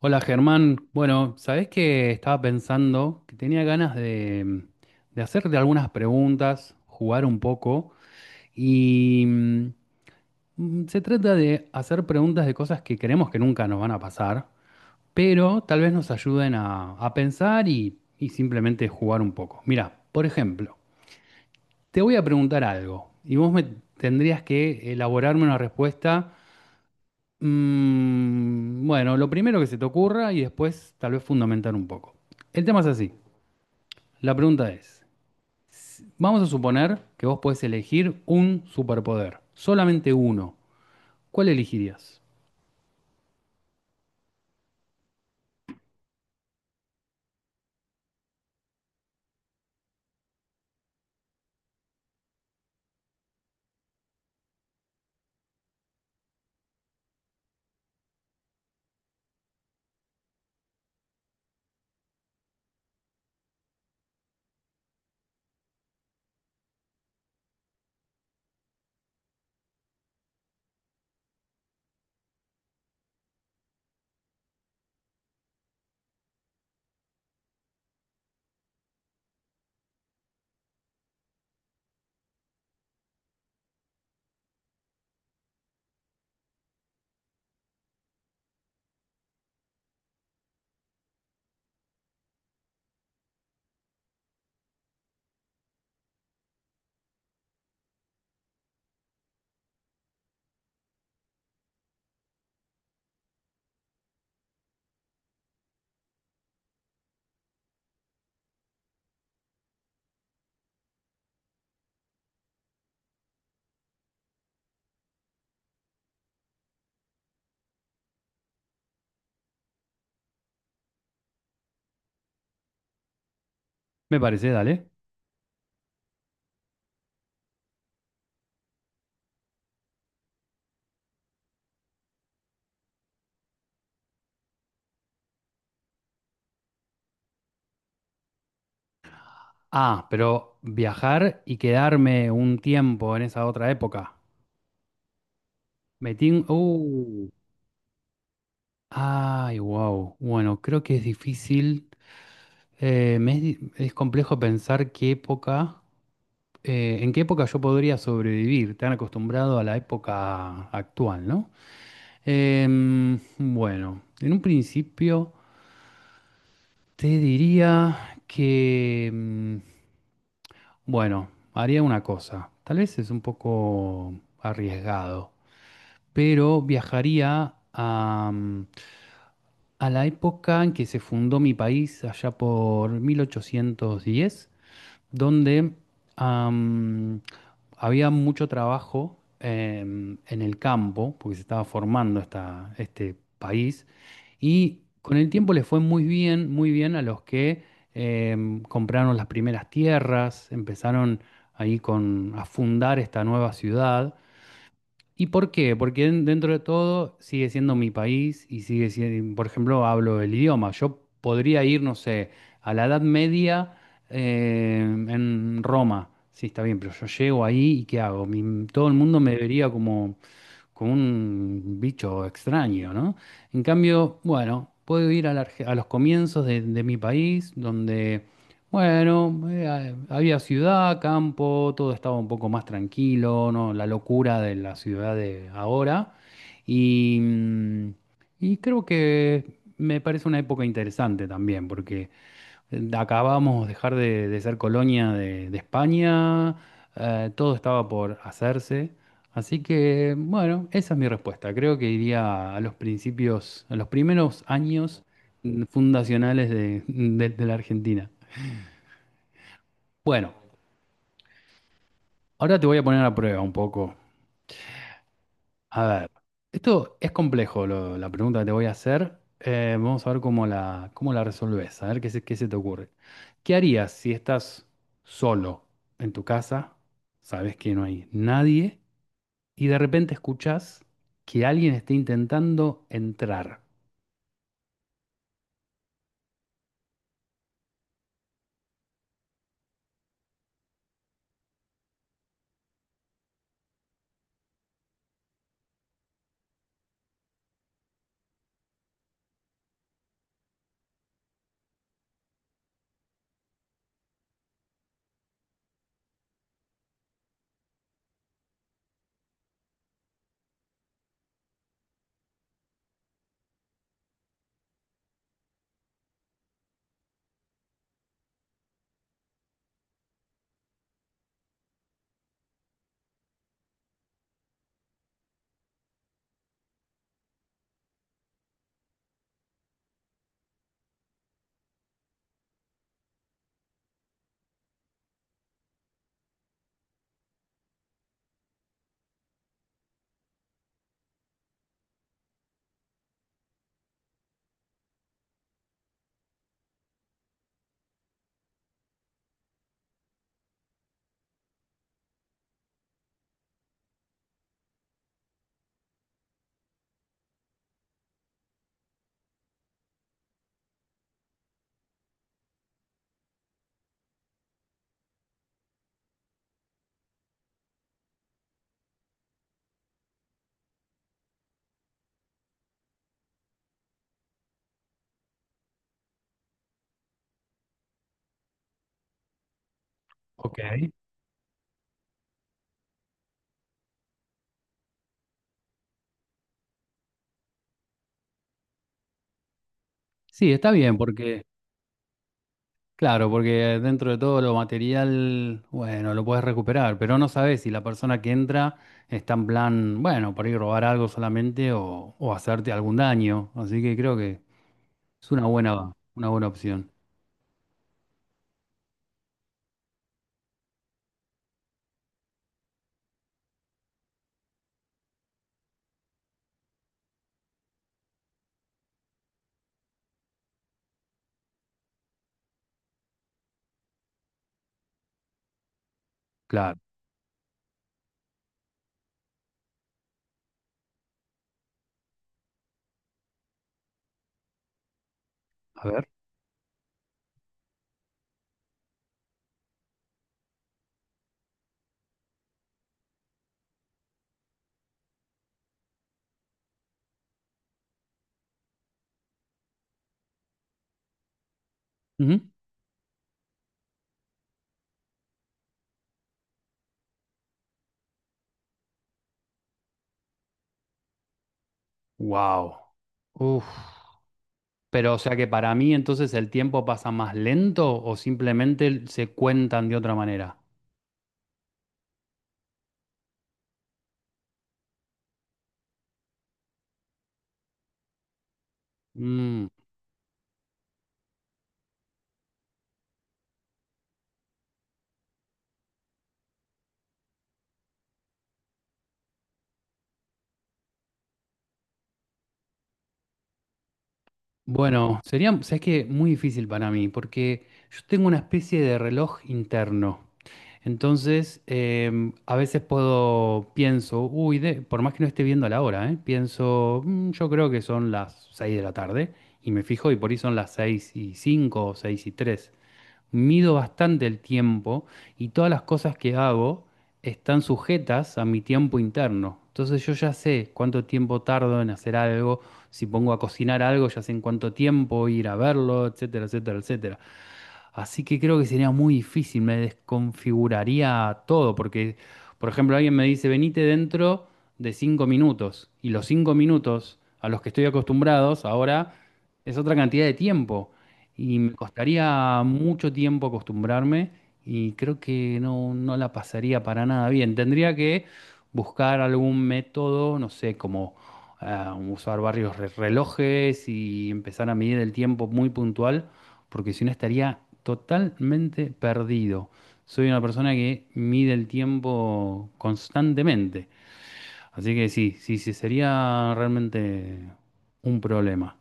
Hola Germán, bueno, sabés que estaba pensando que tenía ganas de hacerte algunas preguntas, jugar un poco y se trata de hacer preguntas de cosas que creemos que nunca nos van a pasar, pero tal vez nos ayuden a pensar y simplemente jugar un poco. Mira, por ejemplo, te voy a preguntar algo y vos me tendrías que elaborarme una respuesta. Bueno, lo primero que se te ocurra y después tal vez fundamentar un poco. El tema es así. La pregunta es, vamos a suponer que vos podés elegir un superpoder, solamente uno. ¿Cuál elegirías? Me parece, dale. Ah, pero viajar y quedarme un tiempo en esa otra época. Metín... Ay, wow. Bueno, creo que es difícil. Es complejo pensar qué época. ¿En qué época yo podría sobrevivir? Tan acostumbrado a la época actual, ¿no? Bueno, en un principio te diría que, bueno, haría una cosa. Tal vez es un poco arriesgado, pero viajaría a la época en que se fundó mi país, allá por 1810. Donde am, había mucho trabajo en el campo, porque se estaba formando este país, y con el tiempo les fue muy bien a los que compraron las primeras tierras, empezaron ahí a fundar esta nueva ciudad. ¿Y por qué? Porque dentro de todo sigue siendo mi país y sigue siendo, por ejemplo, hablo el idioma. Yo podría ir, no sé, a la Edad Media en Roma. Sí, está bien, pero yo llego ahí y ¿qué hago? Todo el mundo me vería como un bicho extraño, ¿no? En cambio, bueno, puedo ir a los comienzos de mi país, donde bueno, había ciudad, campo, todo estaba un poco más tranquilo, ¿no? La locura de la ciudad de ahora. Y, mm, y creo que me parece una época interesante también, porque acabamos de dejar de ser colonia de España, todo estaba por hacerse. Así que, bueno, esa es mi respuesta. Creo que iría a los principios, a los primeros años fundacionales de la Argentina. Bueno, ahora te voy a poner a prueba un poco. A ver, esto es complejo, la pregunta que te voy a hacer. Vamos a ver cómo la resolvés, a ver qué se te ocurre. ¿Qué harías si estás solo en tu casa, sabes que no hay nadie y de repente escuchas que alguien está intentando entrar? Ok. Sí, está bien, porque, claro, porque dentro de todo lo material, bueno, lo puedes recuperar, pero no sabes si la persona que entra está en plan, bueno, por ahí robar algo solamente o hacerte algún daño. Así que creo que es una buena opción. Claro. A ver. Wow. Uf. Pero o sea que para mí entonces el tiempo pasa más lento o simplemente se cuentan de otra manera. Mm. Bueno, sería, sabes que muy difícil para mí, porque yo tengo una especie de reloj interno. Entonces, a veces puedo, pienso, uy, por más que no esté viendo la hora, ¿eh? Pienso, yo creo que son las 6 de la tarde", y me fijo, y por ahí son las 6 y 5 o 6 y tres. Mido bastante el tiempo y todas las cosas que hago están sujetas a mi tiempo interno. Entonces yo ya sé cuánto tiempo tardo en hacer algo, si pongo a cocinar algo, ya sé en cuánto tiempo ir a verlo, etcétera, etcétera, etcétera. Así que creo que sería muy difícil, me desconfiguraría todo, porque, por ejemplo, alguien me dice, venite dentro de 5 minutos, y los 5 minutos a los que estoy acostumbrados ahora es otra cantidad de tiempo, y me costaría mucho tiempo acostumbrarme, y creo que no, no la pasaría para nada bien. Tendría que buscar algún método, no sé, como usar varios relojes y empezar a medir el tiempo muy puntual porque si no estaría totalmente perdido. Soy una persona que mide el tiempo constantemente, así que sí, sí, sí, sería realmente un problema.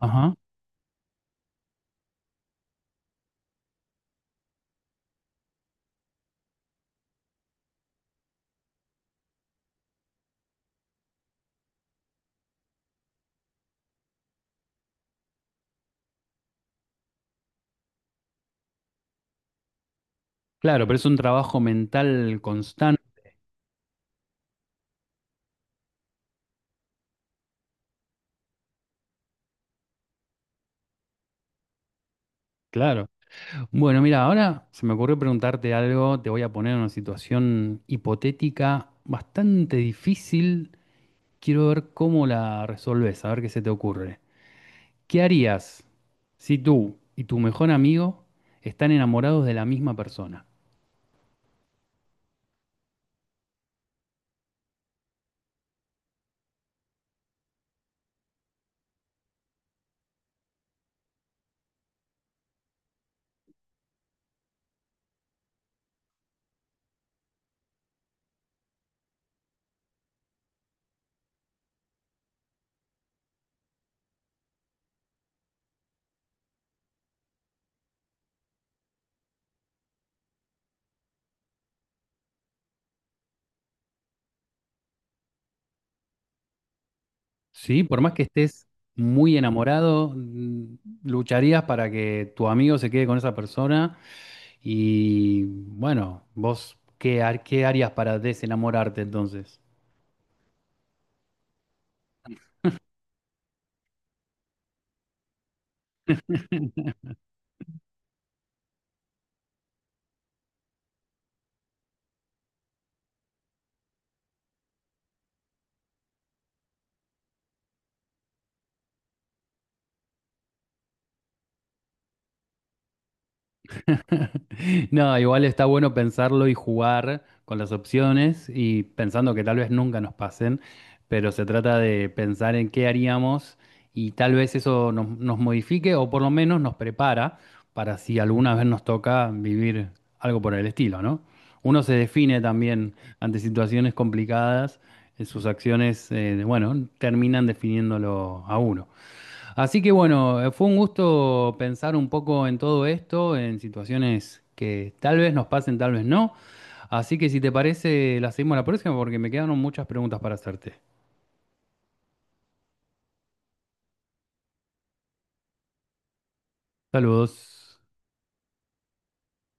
Ajá. Claro, pero es un trabajo mental constante, claro. Bueno, mira, ahora se me ocurrió preguntarte algo, te voy a poner en una situación hipotética bastante difícil. Quiero ver cómo la resolves, a ver qué se te ocurre. ¿Qué harías si tú y tu mejor amigo están enamorados de la misma persona? ¿Sí? Por más que estés muy enamorado, lucharías para que tu amigo se quede con esa persona y bueno, vos, qué harías para desenamorarte entonces? No, igual está bueno pensarlo y jugar con las opciones y pensando que tal vez nunca nos pasen, pero se trata de pensar en qué haríamos y tal vez eso nos modifique o por lo menos nos prepara para si alguna vez nos toca vivir algo por el estilo, ¿no? Uno se define también ante situaciones complicadas, sus acciones, bueno, terminan definiéndolo a uno. Así que bueno, fue un gusto pensar un poco en todo esto, en situaciones que tal vez nos pasen, tal vez no. Así que si te parece, la seguimos la próxima porque me quedaron muchas preguntas para hacerte. Saludos.